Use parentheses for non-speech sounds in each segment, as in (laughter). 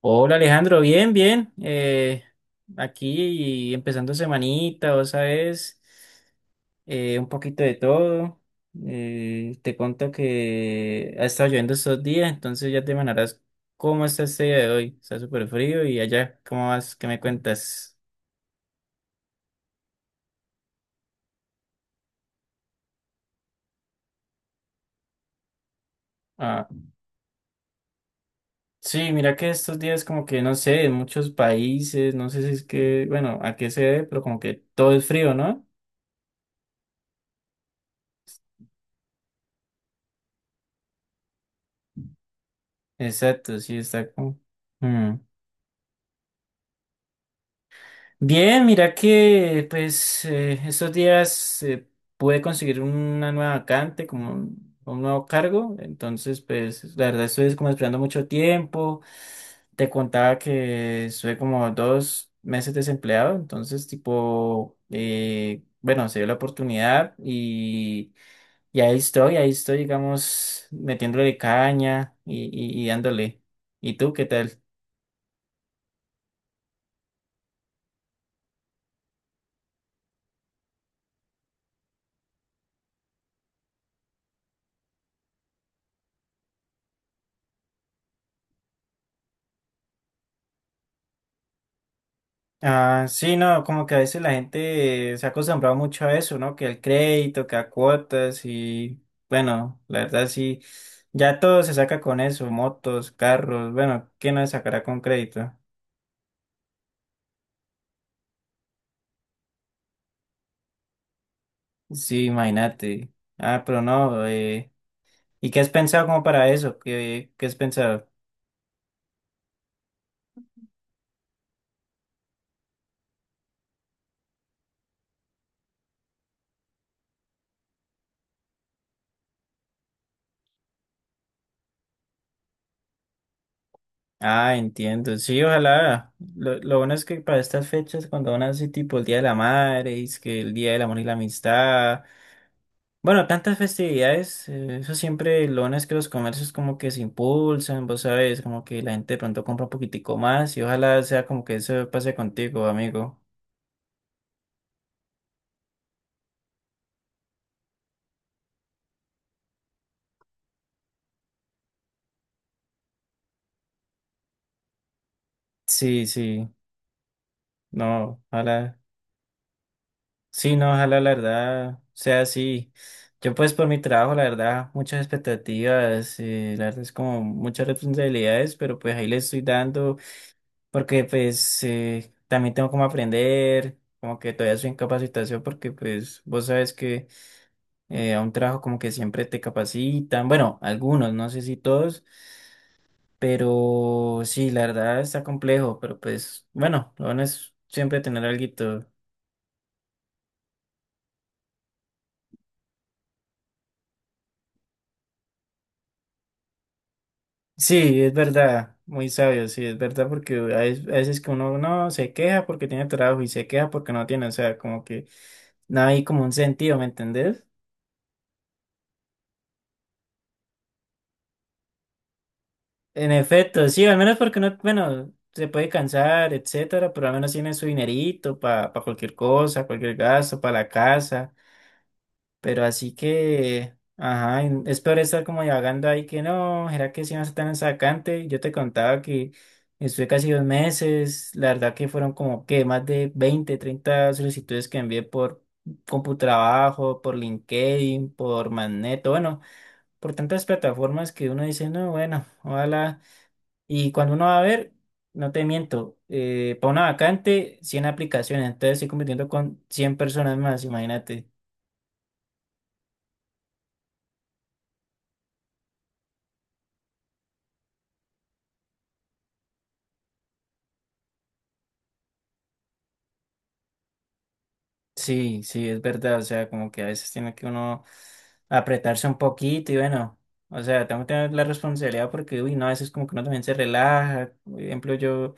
Hola Alejandro, bien, bien. Aquí empezando semanita, vos sabes, un poquito de todo. Te cuento que ha estado lloviendo estos días, entonces ya te imaginarás cómo está este día de hoy. Está súper frío y allá, ¿cómo vas? ¿Qué me cuentas? Ah, sí, mira que estos días como que no sé, en muchos países, no sé si es que, bueno, a qué se debe, pero como que todo es frío, ¿no? Exacto, sí, está como... Mm. Bien, mira que pues estos días pude conseguir una nueva vacante, como un nuevo cargo, entonces pues la verdad estoy como esperando mucho tiempo, te contaba que estuve como 2 meses desempleado, entonces tipo, bueno, se dio la oportunidad y ahí estoy digamos metiéndole caña y dándole. ¿Y tú qué tal? Ah, sí, no, como que a veces la gente se ha acostumbrado mucho a eso, ¿no? Que el crédito, que a cuotas y bueno, la verdad sí, ya todo se saca con eso, motos, carros, bueno, ¿qué no se sacará con crédito? Sí, imagínate. Ah, pero no, ¿y qué has pensado como para eso? ¿Qué, qué has pensado? Ah, entiendo, sí, ojalá. Lo bueno es que para estas fechas, cuando van así tipo el Día de la Madre, y es que el Día del Amor y la Amistad. Bueno, tantas festividades, eso siempre lo bueno es que los comercios como que se impulsan, vos sabes, como que la gente de pronto compra un poquitico más y ojalá sea como que eso pase contigo, amigo. Sí, no, ojalá, sí, no, ojalá la verdad sea así. Yo pues por mi trabajo, la verdad, muchas expectativas, la verdad es como muchas responsabilidades, pero pues ahí le estoy dando porque pues también tengo como aprender, como que todavía soy en capacitación porque pues vos sabes que... A un trabajo como que siempre te capacitan, bueno, algunos, no sé si todos, pero sí, la verdad está complejo, pero pues bueno, lo bueno es siempre tener alguito. Sí, es verdad, muy sabio, sí, es verdad, porque a veces que uno no se queja porque tiene trabajo y se queja porque no tiene, o sea, como que no hay como un sentido, ¿me entendés? En efecto, sí, al menos porque no, bueno, se puede cansar, etcétera, pero al menos tiene su dinerito para cualquier cosa, cualquier gasto, para la casa. Pero así que, ajá, es peor estar como divagando ahí que no, ¿será que sí va a ser tan sacante? Yo te contaba que estuve casi 2 meses, la verdad que fueron como que más de 20, 30 solicitudes que envié por CompuTrabajo, por LinkedIn, por Magneto, bueno, por tantas plataformas que uno dice, no, bueno, ojalá. Y cuando uno va a ver, no te miento, para una vacante, 100 aplicaciones, entonces estoy compitiendo con 100 personas más, imagínate. Sí, sí, es verdad, o sea, como que a veces tiene que uno apretarse un poquito y bueno, o sea, tengo que tener la responsabilidad porque, uy, no, a veces como que uno también se relaja, por ejemplo, yo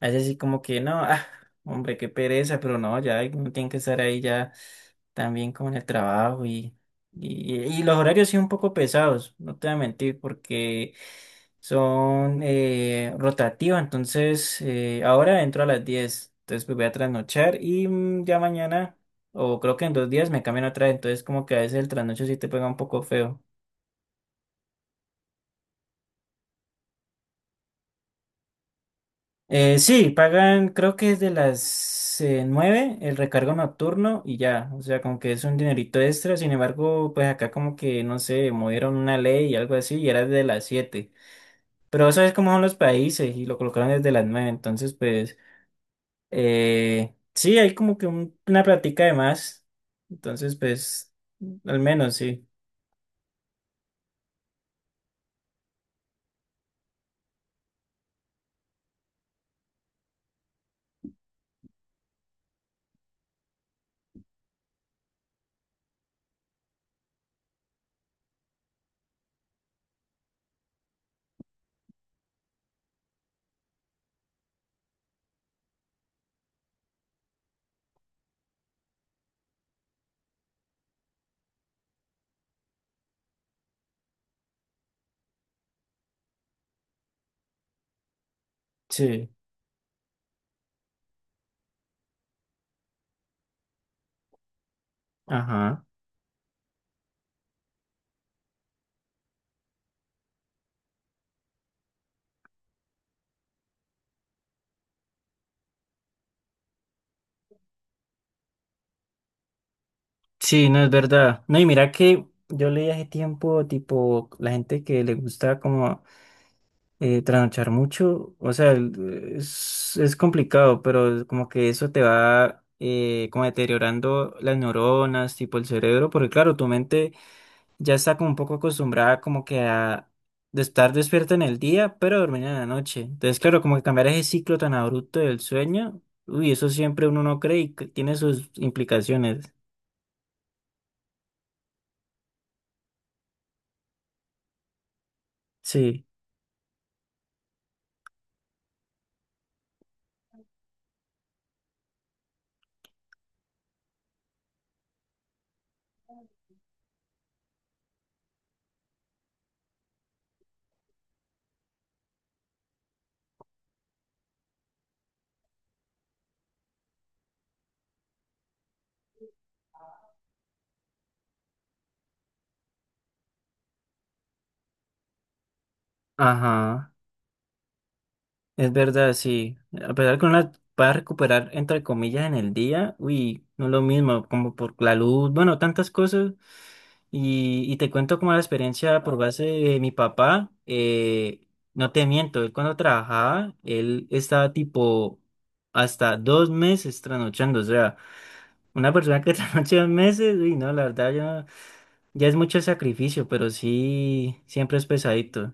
a veces sí como que no, (laughs) ah, hombre, qué pereza, pero no, ya uno tiene que estar ahí ya también como en el trabajo y los horarios sí un poco pesados, no te voy a mentir, porque son rotativos, entonces ahora entro a las 10, entonces pues voy a trasnochar y ya mañana o creo que en 2 días me cambian otra vez, entonces como que a veces el trasnocho sí te pega un poco feo. Sí, pagan, creo que es de las 9 el recargo nocturno y ya, o sea, como que es un dinerito extra, sin embargo, pues acá como que, no sé, movieron una ley y algo así y era de las 7, pero sabes cómo son los países y lo colocaron desde las 9, entonces pues, sí, hay como que una plática de más, entonces pues, al menos sí, sí, ajá. Sí, no es verdad. No, y mira que yo leí hace tiempo, tipo, la gente que le gusta como trasnochar mucho, o sea, es complicado, pero como que eso te va como deteriorando las neuronas, tipo el cerebro, porque claro, tu mente ya está como un poco acostumbrada como que a de estar despierta en el día, pero dormir en la noche. Entonces, claro, como que cambiar ese ciclo tan abrupto del sueño, uy, eso siempre uno no cree y que tiene sus implicaciones. Sí, ajá. Es verdad, sí. A pesar que uno la va a recuperar, entre comillas, en el día, uy, no es lo mismo, como por la luz, bueno, tantas cosas. Y te cuento como la experiencia por base de mi papá. No te miento, él cuando trabajaba, él estaba tipo hasta 2 meses trasnochando. O sea, una persona que (laughs) trasnocha 2 meses, uy, no, la verdad ya, ya es mucho sacrificio, pero sí, siempre es pesadito.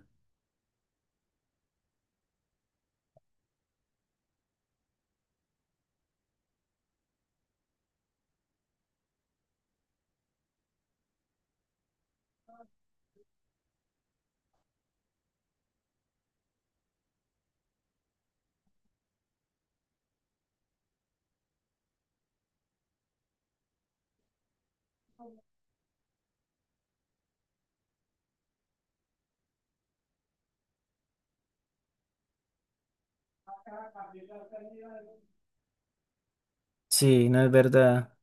Sí, no es verdad.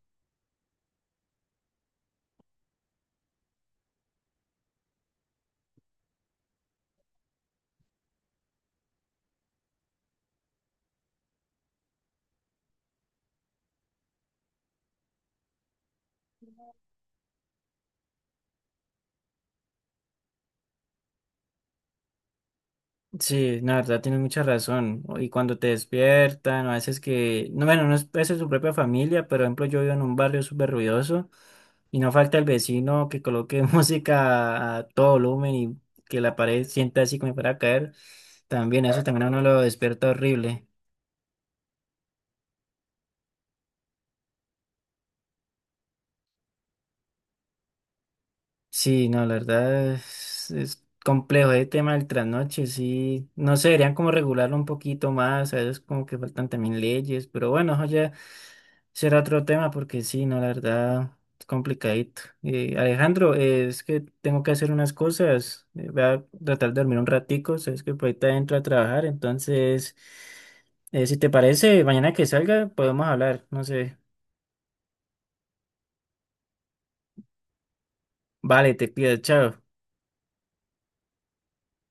Sí, la verdad tienes mucha razón. Y cuando te despiertan, o a veces que, no, bueno, no es a veces su propia familia, pero por ejemplo yo vivo en un barrio súper ruidoso y no falta el vecino que coloque (laughs) música a todo volumen y que la pared sienta así como para caer. También eso también a uno lo despierta horrible. Sí, no, la verdad es complejo el tema del trasnoche, sí, no sé, deberían como regularlo un poquito más, a veces como que faltan también leyes, pero bueno, eso ya será otro tema porque sí, no, la verdad es complicadito. Alejandro, es que tengo que hacer unas cosas, voy a tratar de dormir un ratico, sabes que por ahorita entro a trabajar, entonces, si te parece, mañana que salga podemos hablar, no sé, vale, te pido, chao.